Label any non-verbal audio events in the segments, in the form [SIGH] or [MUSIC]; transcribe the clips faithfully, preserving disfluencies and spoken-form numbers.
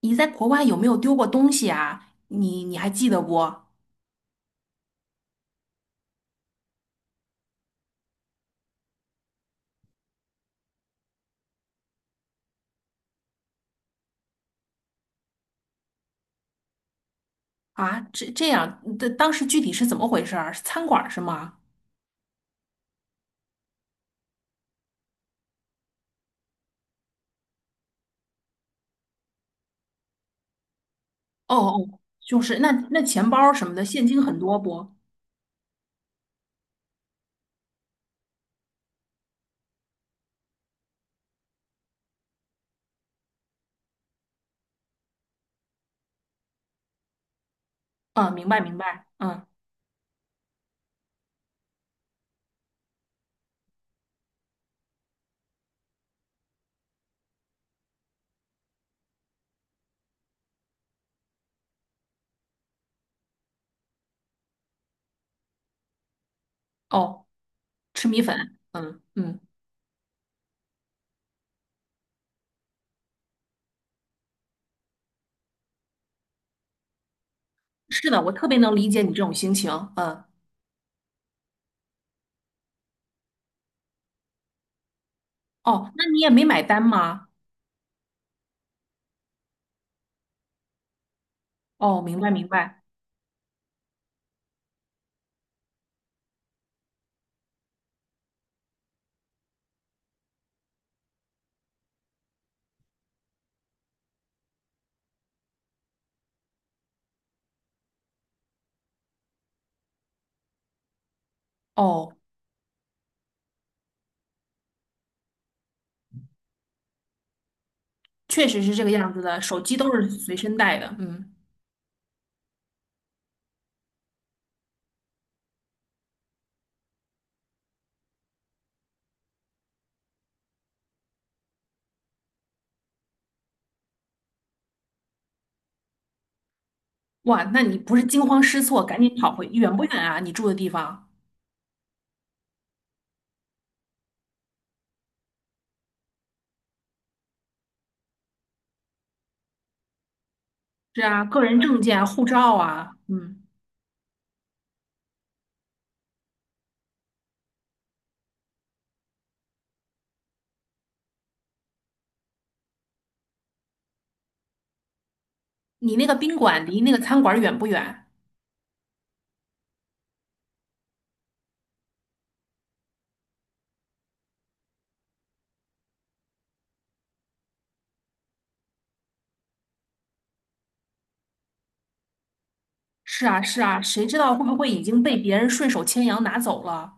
你在国外有没有丢过东西啊？你你还记得不？啊，这这样，的当时具体是怎么回事儿？是餐馆儿是吗？哦哦，就是那那钱包什么的，现金很多不？嗯，明白明白。嗯，哦，吃米粉。嗯嗯，是的，我特别能理解你这种心情。嗯，哦，那你也没买单吗？哦，明白明白。哦，确实是这个样子的，手机都是随身带的。嗯，哇，那你不是惊慌失措，赶紧跑回，远不远啊？你住的地方？是啊，个人证件啊护照啊，嗯，你那个宾馆离那个餐馆远不远？是啊，是啊，谁知道会不会已经被别人顺手牵羊拿走了？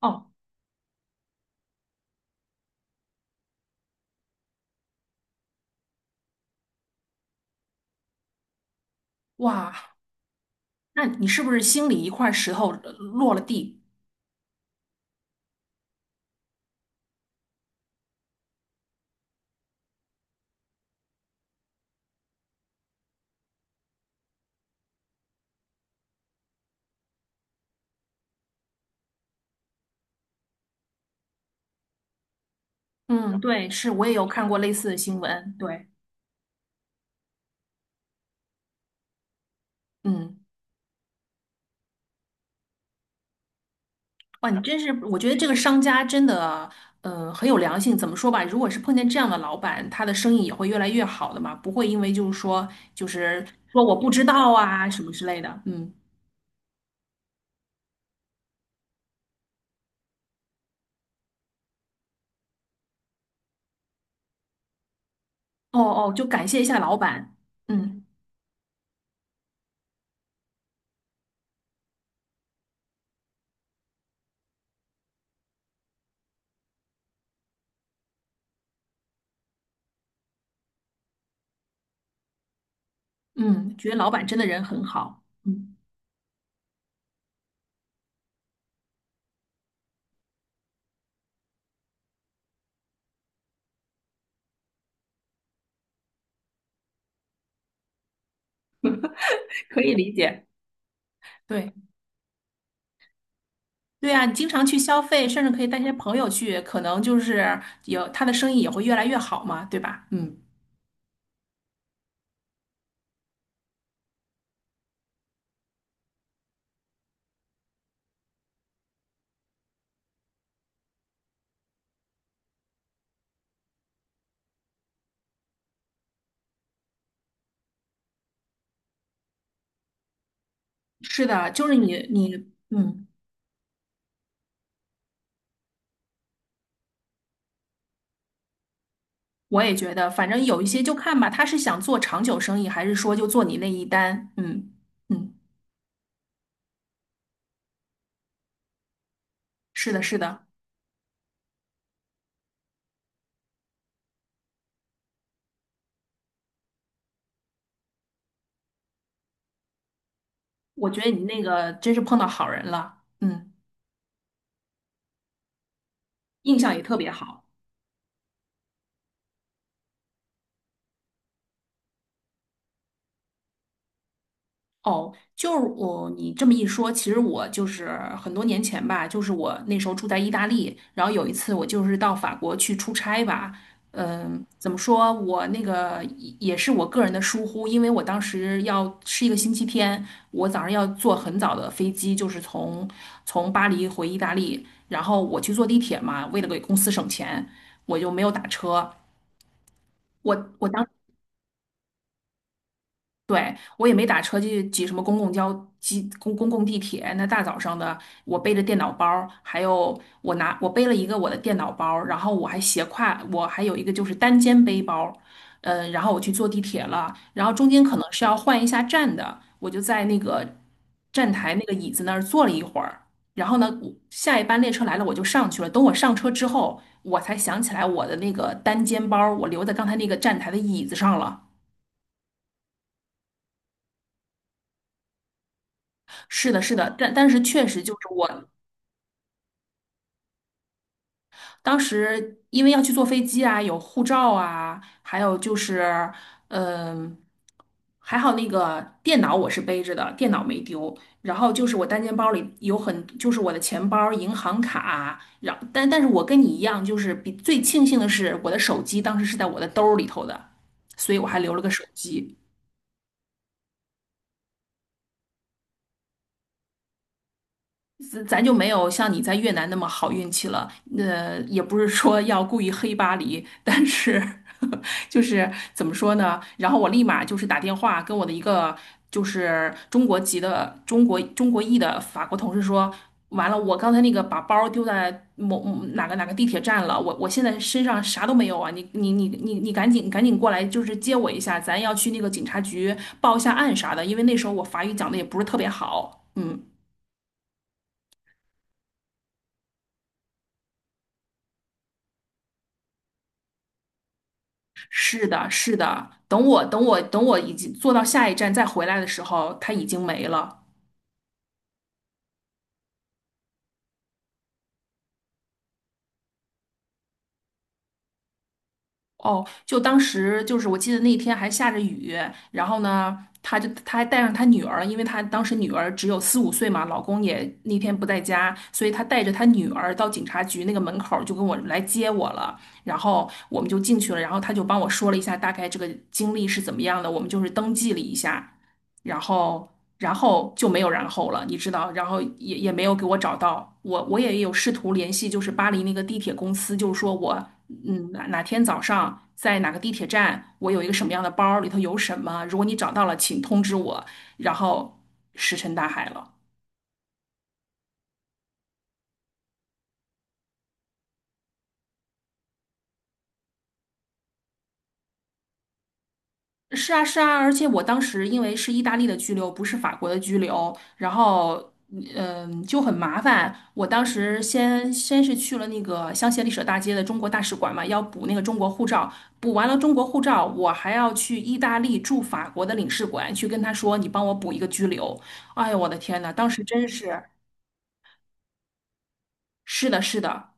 哦，哇，那你是不是心里一块石头呃落了地？嗯，对，是我也有看过类似的新闻。对，嗯，哇，你真是，我觉得这个商家真的，嗯，很有良心。怎么说吧，如果是碰见这样的老板，他的生意也会越来越好的嘛，不会因为就是说，就是说我不知道啊什么之类的。嗯。哦哦，就感谢一下老板。嗯嗯，觉得老板真的人很好。嗯，可以理解。对对啊，你经常去消费，甚至可以带些朋友去，可能就是有他的生意也会越来越好嘛，对吧？嗯，是的，就是你你嗯，我也觉得，反正有一些就看吧，他是想做长久生意，还是说就做你那一单？嗯嗯，是的，是的，我觉得你那个真是碰到好人了，嗯，印象也特别好。哦，就是我，你这么一说，其实我就是很多年前吧，就是我那时候住在意大利，然后有一次我就是到法国去出差吧，嗯，怎么说，我那个也也是我个人的疏忽，因为我当时要是一个星期天，我早上要坐很早的飞机，就是从从巴黎回意大利，然后我去坐地铁嘛，为了给公司省钱，我就没有打车。我我当对，我也没打车去挤什么公共交、挤公公共地铁。那大早上的，我背着电脑包儿，还有我拿我背了一个我的电脑包儿，然后我还斜挎，我还有一个就是单肩背包儿，嗯，然后我去坐地铁了，然后中间可能是要换一下站的，我就在那个站台那个椅子那儿坐了一会儿，然后呢，我下一班列车来了，我就上去了。等我上车之后，我才想起来我的那个单肩包儿我留在刚才那个站台的椅子上了。是的，是的，但但是确实就是我当时因为要去坐飞机啊，有护照啊，还有就是，嗯、还好那个电脑我是背着的，电脑没丢。然后就是我单肩包里有很，就是我的钱包、银行卡。然但但是我跟你一样，就是比最庆幸的是我的手机当时是在我的兜儿里头的，所以我还留了个手机。咱咱就没有像你在越南那么好运气了。那也不是说要故意黑巴黎，但是 [LAUGHS] 就是怎么说呢？然后我立马就是打电话跟我的一个就是中国籍的中国中国裔的法国同事说，完了，我刚才那个把包丢在某某哪个哪个地铁站了，我我现在身上啥都没有啊！你你你你你赶紧赶紧过来，就是接我一下，咱要去那个警察局报一下案啥的，因为那时候我法语讲的也不是特别好，嗯。是的，是的。等我等我等我已经坐到下一站再回来的时候，他已经没了。哦，就当时就是我记得那天还下着雨，然后呢，他就他还带上他女儿，因为他当时女儿只有四五岁嘛，老公也那天不在家，所以他带着他女儿到警察局那个门口儿就跟我来接我了，然后我们就进去了，然后他就帮我说了一下大概这个经历是怎么样的，我们就是登记了一下。然后然后就没有然后了，你知道，然后也也没有给我找到，我我也有试图联系，就是巴黎那个地铁公司，就是说我嗯哪哪天早上在哪个地铁站，我有一个什么样的包，里头有什么，如果你找到了，请通知我，然后石沉大海了。是啊，是啊，而且我当时因为是意大利的居留，不是法国的居留，然后嗯，嗯就很麻烦。我当时先先是去了那个香榭丽舍大街的中国大使馆嘛，要补那个中国护照，补完了中国护照，我还要去意大利驻法国的领事馆去跟他说，你帮我补一个居留。哎呦，我的天呐，当时真是，是的，是的，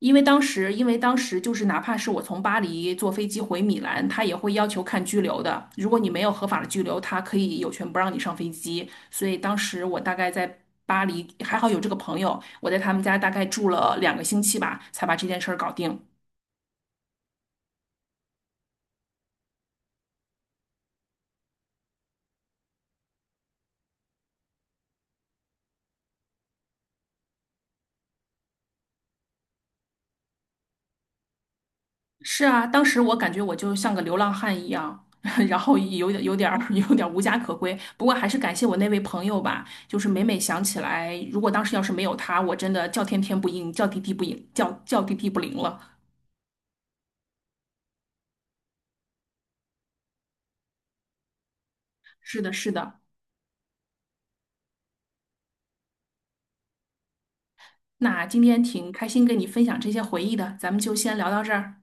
因为当时，因为当时就是哪怕是我从巴黎坐飞机回米兰，他也会要求看拘留的。如果你没有合法的拘留，他可以有权不让你上飞机。所以当时我大概在巴黎，还好有这个朋友，我在他们家大概住了两个星期吧，才把这件事儿搞定。是啊，当时我感觉我就像个流浪汉一样，[LAUGHS] 然后有点有点儿有点儿无家可归。不过还是感谢我那位朋友吧，就是每每想起来，如果当时要是没有他，我真的叫天天不应，叫地地不应，叫叫地地不灵了。是的，是的。那今天挺开心跟你分享这些回忆的，咱们就先聊到这儿，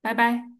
拜拜。